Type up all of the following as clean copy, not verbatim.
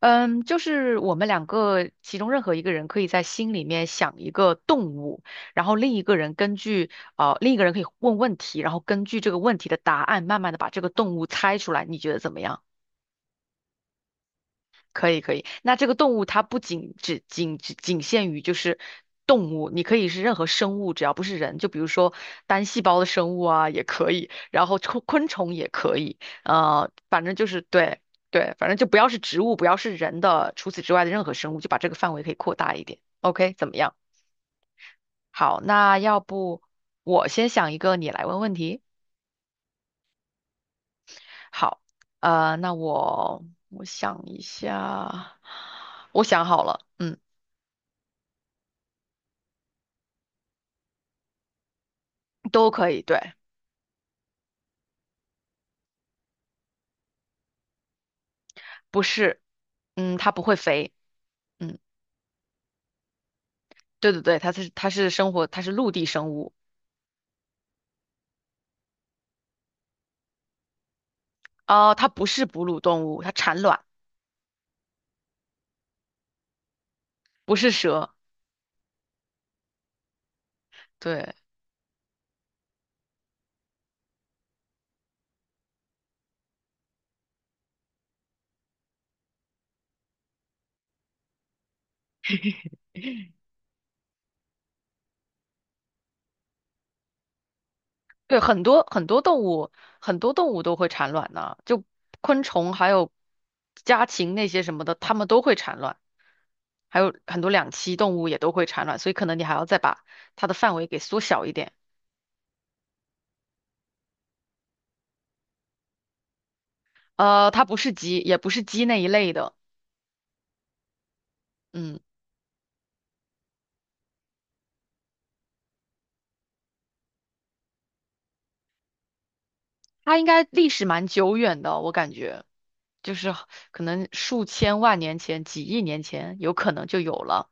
嗯，就是我们两个其中任何一个人可以在心里面想一个动物，然后另一个人可以问问题，然后根据这个问题的答案，慢慢的把这个动物猜出来。你觉得怎么样？可以可以，那这个动物它不仅限于就是动物，你可以是任何生物，只要不是人，就比如说单细胞的生物啊也可以，然后昆虫也可以，反正就是对。对，反正就不要是植物，不要是人的，除此之外的任何生物，就把这个范围可以扩大一点。OK，怎么样？好，那要不我先想一个，你来问问题。好，那我想一下，我想好了。嗯，都可以，对。不是，嗯，它不会飞。嗯，对对对，它是陆地生物。哦，它不是哺乳动物，它产卵。不是蛇。对。对，很多很多动物，很多动物都会产卵呢，就昆虫还有家禽那些什么的，它们都会产卵，还有很多两栖动物也都会产卵，所以可能你还要再把它的范围给缩小一点。它不是鸡，也不是鸡那一类的。嗯。它应该历史蛮久远的，我感觉就是可能数千万年前、几亿年前有可能就有了。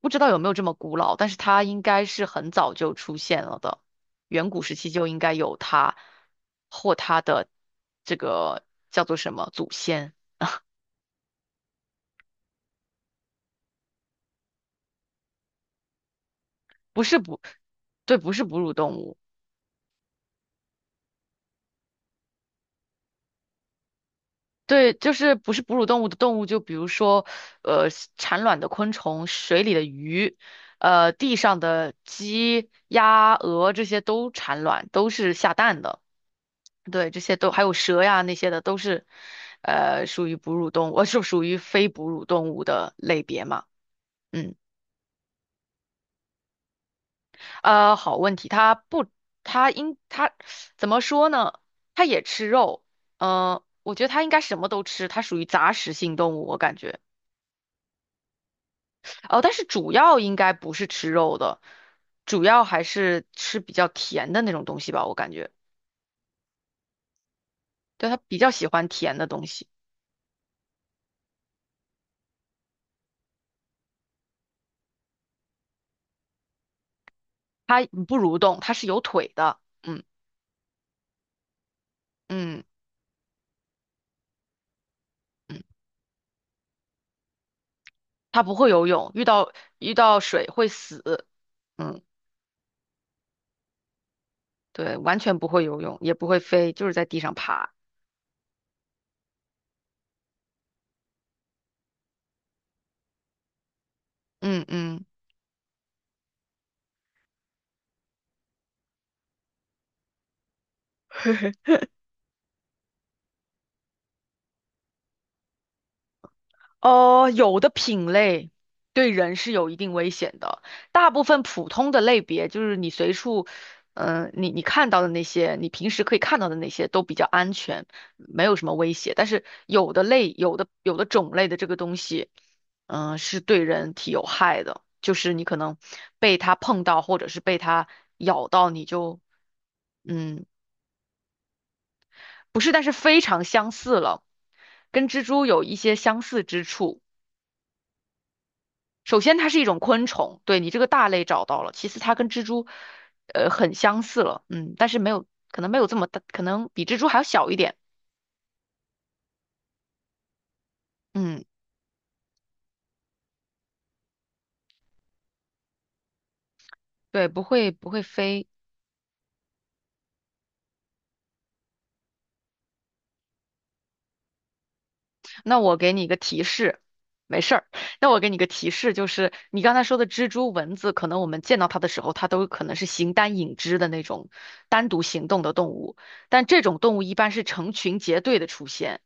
不知道有没有这么古老，但是它应该是很早就出现了的，远古时期就应该有它或它的这个叫做什么祖先。不是哺，对，不是哺乳动物。对，就是不是哺乳动物的动物，就比如说，呃，产卵的昆虫、水里的鱼，地上的鸡、鸭、鹅这些都产卵，都是下蛋的。对，这些都还有蛇呀那些的，都是，属于哺乳动物，是属于非哺乳动物的类别嘛？嗯。好问题，它不，它应它怎么说呢？它也吃肉。我觉得它应该什么都吃，它属于杂食性动物，我感觉。哦，但是主要应该不是吃肉的，主要还是吃比较甜的那种东西吧，我感觉。对，它比较喜欢甜的东西。它不蠕动，它是有腿的。嗯嗯。嗯，它不会游泳，遇到水会死。嗯，对，完全不会游泳，也不会飞，就是在地上爬。嗯嗯。哦，有的品类对人是有一定危险的，大部分普通的类别，就是你随处，你看到的那些，你平时可以看到的那些都比较安全，没有什么威胁。但是有的类，有的种类的这个东西，是对人体有害的，就是你可能被它碰到，或者是被它咬到，嗯，不是，但是非常相似了，跟蜘蛛有一些相似之处。首先它是一种昆虫，对你这个大类找到了。其次它跟蜘蛛，很相似了。嗯，但是没有，可能没有这么大，可能比蜘蛛还要小一点。嗯，对，不会飞。那我给你一个提示。没事儿。那我给你个提示，就是你刚才说的蜘蛛、蚊子，可能我们见到它的时候，它都可能是形单影只的那种单独行动的动物，但这种动物一般是成群结队的出现。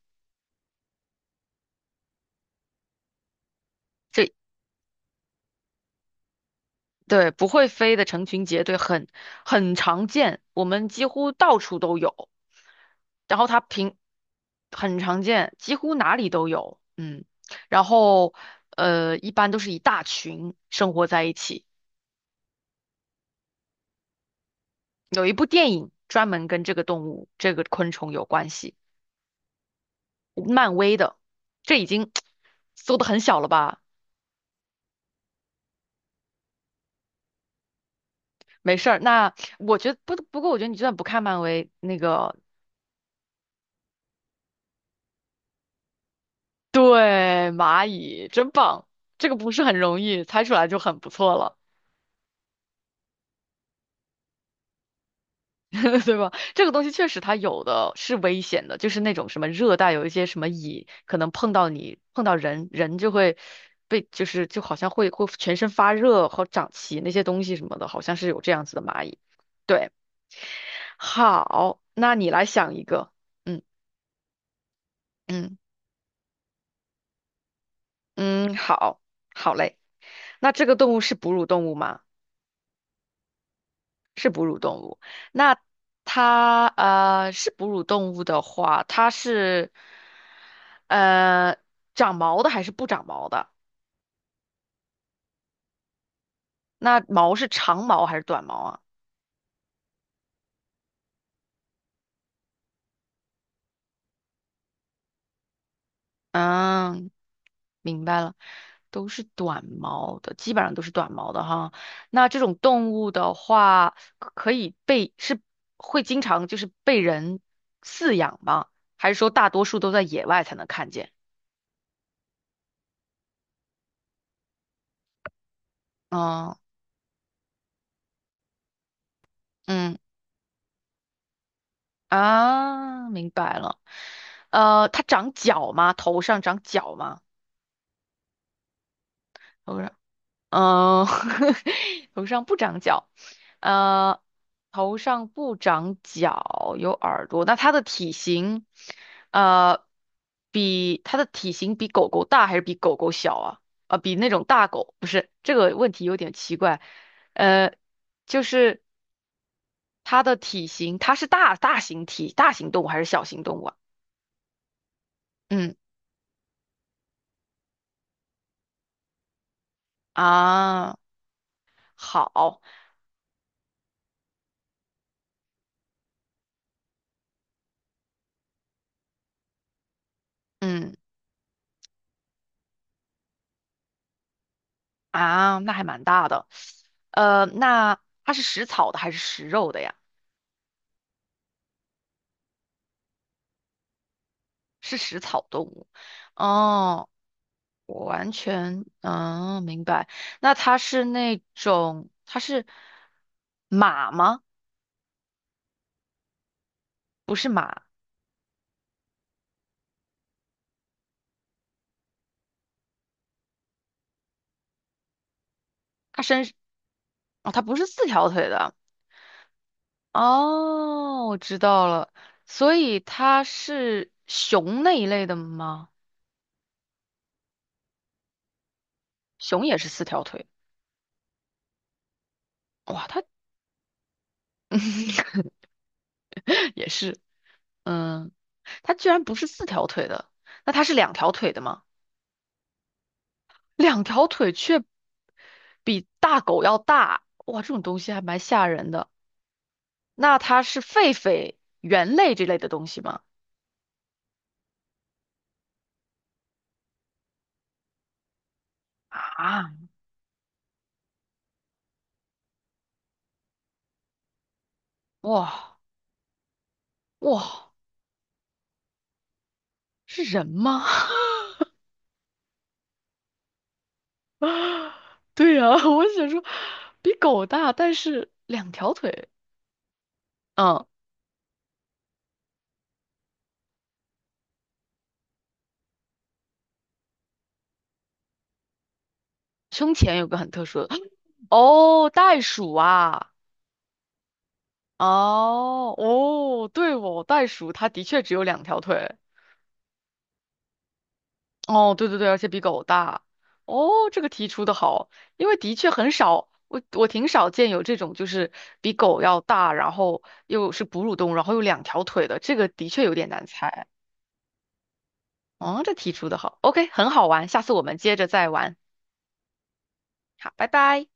这对，不会飞的成群结队很常见，我们几乎到处都有。然后它平很常见，几乎哪里都有。嗯。然后一般都是一大群生活在一起。有一部电影专门跟这个动物、这个昆虫有关系，漫威的。这已经缩的很小了吧？没事儿，那我觉得不过，我觉得你就算不看漫威，那个对，蚂蚁真棒。这个不是很容易猜出来就很不错了。对吧？这个东西确实它有的是危险的，就是那种什么热带有一些什么蚁，可能碰到你碰到人，人就会就是就好像会全身发热和长鳍那些东西什么的，好像是有这样子的蚂蚁。对。好，那你来想一个。嗯嗯。嗯，好，好嘞。那这个动物是哺乳动物吗？是哺乳动物。那它是哺乳动物的话，它是呃长毛的还是不长毛的？那毛是长毛还是短毛啊？嗯，明白了，都是短毛的，基本上都是短毛的哈。那这种动物的话，可以是会经常就是被人饲养吗？还是说大多数都在野外才能看见？哦。嗯。啊，明白了。它长角吗？头上长角吗？头上，嗯、头上不长角。呃，头上不长角，有耳朵。那它的体型，呃，比它的体型比狗狗大还是比狗狗小啊？比那种大狗，不是，这个问题有点奇怪。呃，就是它的体型，它是大型动物还是小型动物啊？嗯。啊，好。嗯啊，那还蛮大的。那它是食草的还是食肉的呀？是食草动物。哦，我完全明白。那它是它是马吗？不是马。它身哦，它不是四条腿的。哦，我知道了。所以它是熊那一类的吗？熊也是四条腿。哇，它 也是。嗯，它居然不是四条腿的，那它是两条腿的吗？两条腿却比大狗要大，哇，这种东西还蛮吓人的。那它是狒狒、猿类这类的东西吗？啊。哇。哇，是人吗？啊。对呀，我想说，比狗大，但是两条腿。嗯，胸前有个很特殊的，哦，袋鼠啊。哦哦，对哦，袋鼠它的确只有两条腿。哦，对对对，而且比狗大。哦，这个题出的好，因为的确很少，我挺少见有这种就是比狗要大，然后又是哺乳动物，然后又两条腿的，这个的确有点难猜。哦，这题出的好。OK，很好玩，下次我们接着再玩。好，拜拜。